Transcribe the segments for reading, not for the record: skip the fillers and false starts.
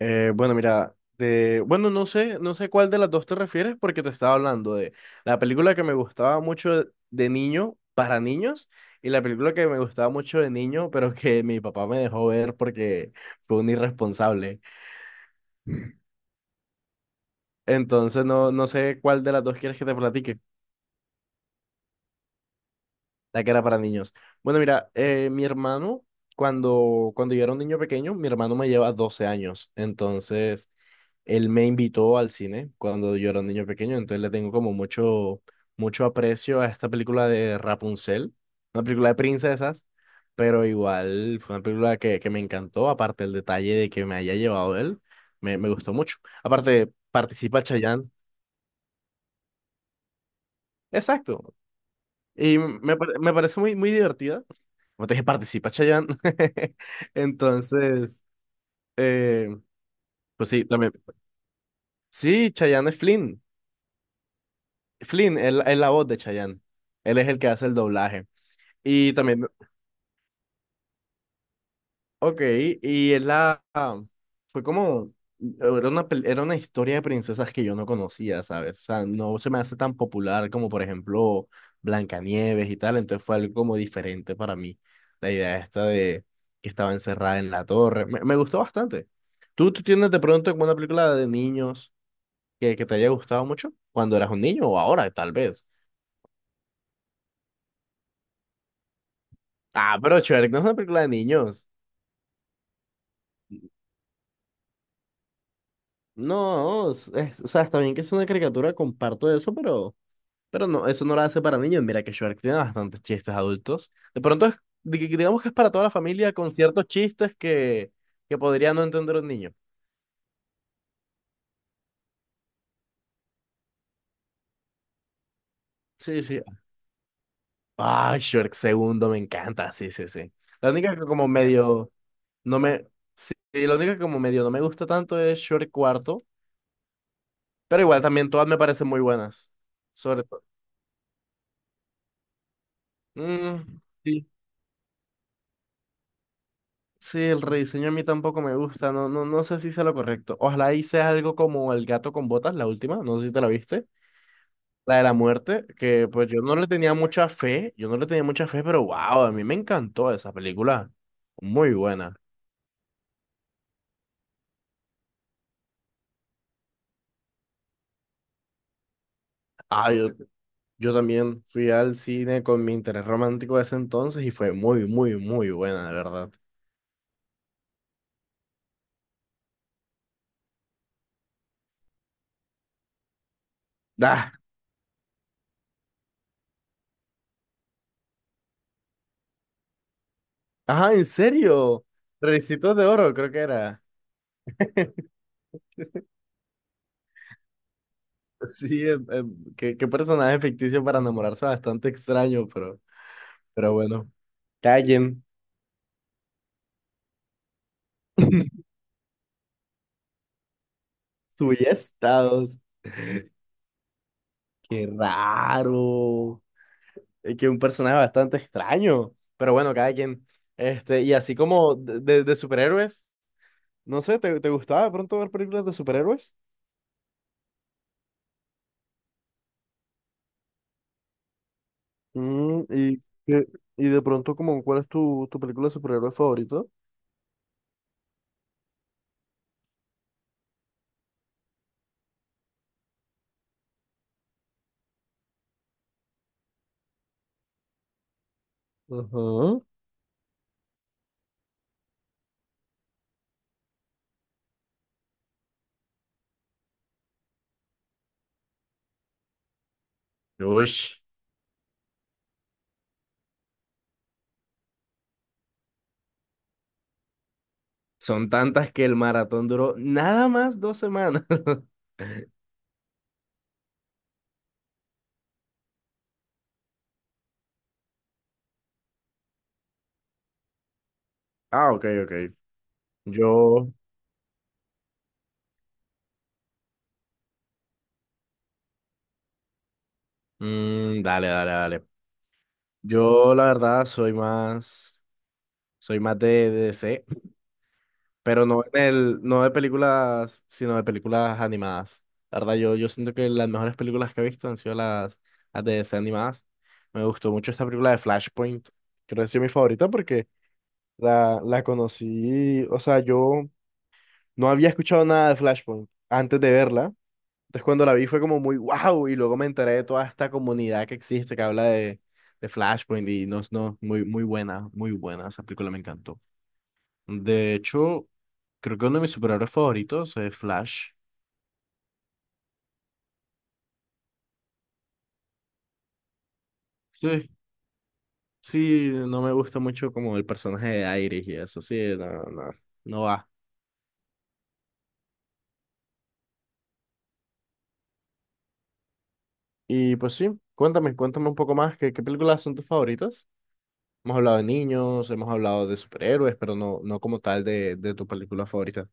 Bueno, mira, bueno, no sé cuál de las dos te refieres porque te estaba hablando de la película que me gustaba mucho de niño para niños y la película que me gustaba mucho de niño, pero que mi papá me dejó ver porque fue un irresponsable. Entonces, no, no sé cuál de las dos quieres que te platique, la que era para niños. Bueno, mira, mi hermano, cuando yo era un niño pequeño, mi hermano me lleva 12 años. Entonces, él me invitó al cine cuando yo era un niño pequeño, entonces le tengo como mucho, mucho aprecio a esta película de Rapunzel, una película de princesas, pero igual fue una película que me encantó, aparte el detalle de que me haya llevado él, me gustó mucho. Aparte, participa Chayanne, exacto, y me parece muy, muy divertida. Como te dije, participa Chayanne. Entonces, eh, pues sí, también. Sí, Chayanne es Flynn. Flynn él es la voz de Chayanne. Él es el que hace el doblaje. Y también. Ok. Y es la, fue como, era una historia de princesas que yo no conocía, ¿sabes? O sea, no se me hace tan popular como, por ejemplo, Blancanieves y tal. Entonces fue algo como diferente para mí. La idea esta de que estaba encerrada en la torre. Me gustó bastante. ¿Tú tienes de pronto como una película de niños que te haya gustado mucho? Cuando eras un niño o ahora, tal vez. Ah, pero Shrek no es una película de niños. No, o sea, está bien que es una caricatura, comparto eso, pero no, eso no la hace para niños. Mira que Shrek tiene bastantes chistes adultos. De pronto es, digamos que es para toda la familia con ciertos chistes que podría no entender un niño. Sí, sí. Ah, Shrek segundo, me encanta, sí, sí, sí. La única que como medio no me, sí, sí, la única que como medio no me gusta tanto es Shrek cuarto, pero igual también todas me parecen muy buenas. Sobre todo. Mm, sí. Sí, el rediseño a mí tampoco me gusta, no, no, no sé si sea lo correcto. Ojalá hice algo como El gato con botas, la última, no sé si te la viste, la de la muerte, que pues yo no le tenía mucha fe, yo no le tenía mucha fe, pero wow, a mí me encantó esa película, muy buena. Ah, yo también fui al cine con mi interés romántico de ese entonces y fue muy, muy, muy buena, de verdad. Ah, ajá, en serio, Ricitos de Oro creo que era. Sí, qué personaje ficticio para enamorarse bastante extraño, pero bueno, callen. Estados, qué raro. Es que un personaje bastante extraño, pero bueno, cada quien. Este, y así como de, de superhéroes, no sé, ¿te gustaba de pronto ver películas de superhéroes? Mm, y, qué- y de pronto, como, ¿cuál es tu película de superhéroes favorita? Ujú. Ush, son tantas que el maratón duró nada más 2 semanas. Ah, ok, ok. Yo, dale, dale, dale. Yo, la verdad, soy más de DC, pero no en el, no de películas, sino de películas animadas. La verdad, yo siento que las mejores películas que he visto han sido las de DC animadas. Me gustó mucho esta película de Flashpoint. Creo que ha sido mi favorita porque la conocí, o sea, yo no había escuchado nada de Flashpoint antes de verla. Entonces cuando la vi fue como muy wow y luego me enteré de toda esta comunidad que existe que habla de Flashpoint y no, no, muy, muy buena, esa película me encantó. De hecho, creo que uno de mis superhéroes favoritos es Flash. Sí, sí, no me gusta mucho como el personaje de Iris y eso, sí, no, no, no va. Y pues sí, cuéntame un poco más, ¿qué películas son tus favoritas? Hemos hablado de niños, hemos hablado de superhéroes, pero no, no como tal de tu película favorita.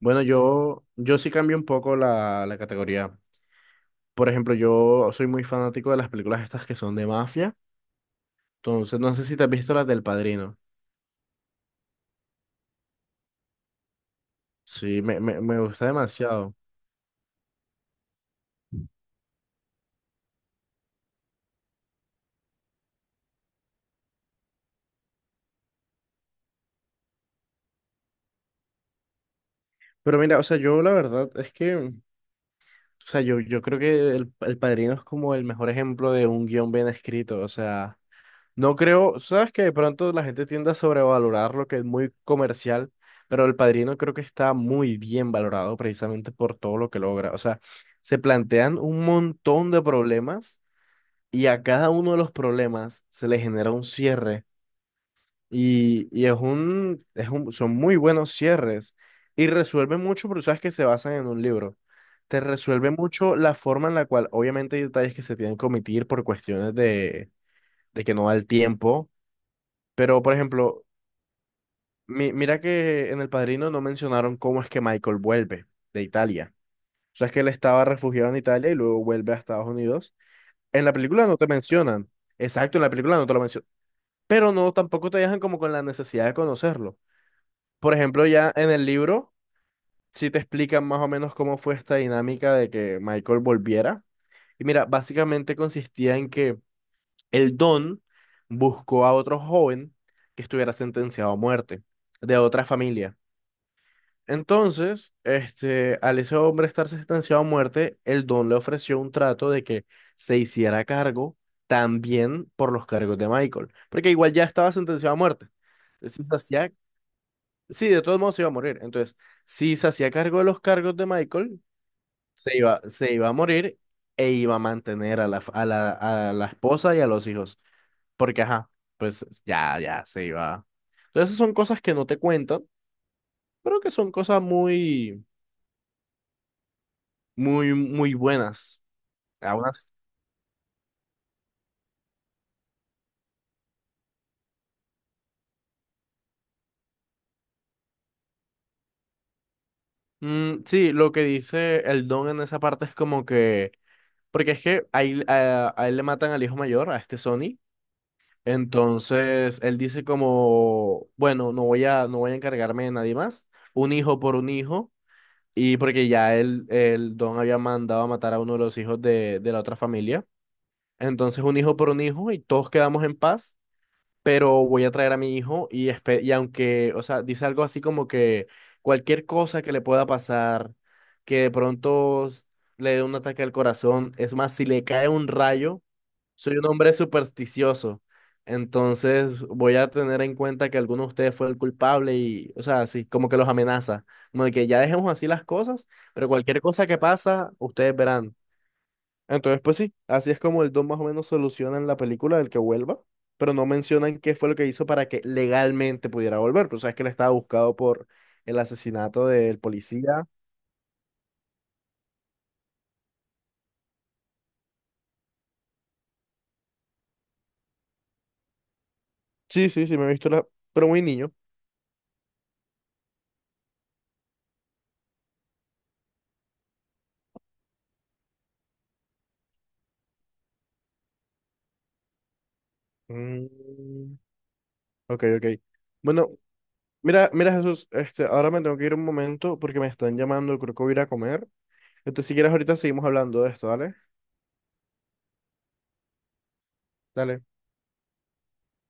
Bueno, yo sí cambio un poco la categoría. Por ejemplo, yo soy muy fanático de las películas estas que son de mafia. Entonces, no sé si te has visto las del Padrino. Sí, me gusta demasiado. Pero mira, o sea, yo la verdad es que, o sea, yo creo que el Padrino es como el mejor ejemplo de un guión bien escrito. O sea, no creo, sabes que de pronto la gente tiende a sobrevalorar lo que es muy comercial, pero El Padrino creo que está muy bien valorado precisamente por todo lo que logra. O sea, se plantean un montón de problemas y a cada uno de los problemas se le genera un cierre y es un, son muy buenos cierres y resuelven mucho, pero sabes que se basan en un libro. Te resuelve mucho la forma en la cual, obviamente hay detalles que se tienen que omitir por cuestiones de que no da el tiempo, pero, por ejemplo, mira que en El Padrino no mencionaron cómo es que Michael vuelve de Italia. O sea, es que él estaba refugiado en Italia y luego vuelve a Estados Unidos. En la película no te mencionan. Exacto, en la película no te lo mencionan. Pero no, tampoco te dejan como con la necesidad de conocerlo. Por ejemplo, ya en el libro sí te explican más o menos cómo fue esta dinámica de que Michael volviera. Y mira, básicamente consistía en que el Don buscó a otro joven que estuviera sentenciado a muerte de otra familia. Entonces, este, al ese hombre estar sentenciado a muerte, el don le ofreció un trato de que se hiciera cargo también por los cargos de Michael, porque igual ya estaba sentenciado a muerte. Si se hacía, sí, de todos modos se iba a morir. Entonces, si se hacía cargo de los cargos de Michael, se iba a morir e iba a mantener a la, f- a la esposa y a los hijos, porque ajá, pues ya se iba. Entonces, esas son cosas que no te cuentan, pero que son cosas muy muy, muy buenas. Algunas. Mm, sí, lo que dice el Don en esa parte es como que, porque es que ahí a él le matan al hijo mayor, a este Sony. Entonces, él dice como, bueno, no voy a encargarme de nadie más, un hijo por un hijo, y porque ya él, el Don había mandado a matar a uno de los hijos de la otra familia. Entonces, un hijo por un hijo y todos quedamos en paz, pero voy a traer a mi hijo y aunque, o sea, dice algo así como que cualquier cosa que le pueda pasar, que de pronto le dé un ataque al corazón, es más, si le cae un rayo, soy un hombre supersticioso, entonces voy a tener en cuenta que alguno de ustedes fue el culpable y, o sea, así, como que los amenaza, como de que ya dejemos así las cosas, pero cualquier cosa que pasa, ustedes verán. Entonces, pues sí, así es como el Don más o menos soluciona en la película del que vuelva, pero no mencionan qué fue lo que hizo para que legalmente pudiera volver. Pues sabes que él estaba buscado por el asesinato del policía. Sí, sí, sí, me he visto la, pero muy niño. Mm, ok, ok. Bueno, mira, mira Jesús, este, ahora me tengo que ir un momento porque me están llamando, creo que voy a ir a comer. Entonces, si quieres, ahorita seguimos hablando de esto, ¿vale? Dale.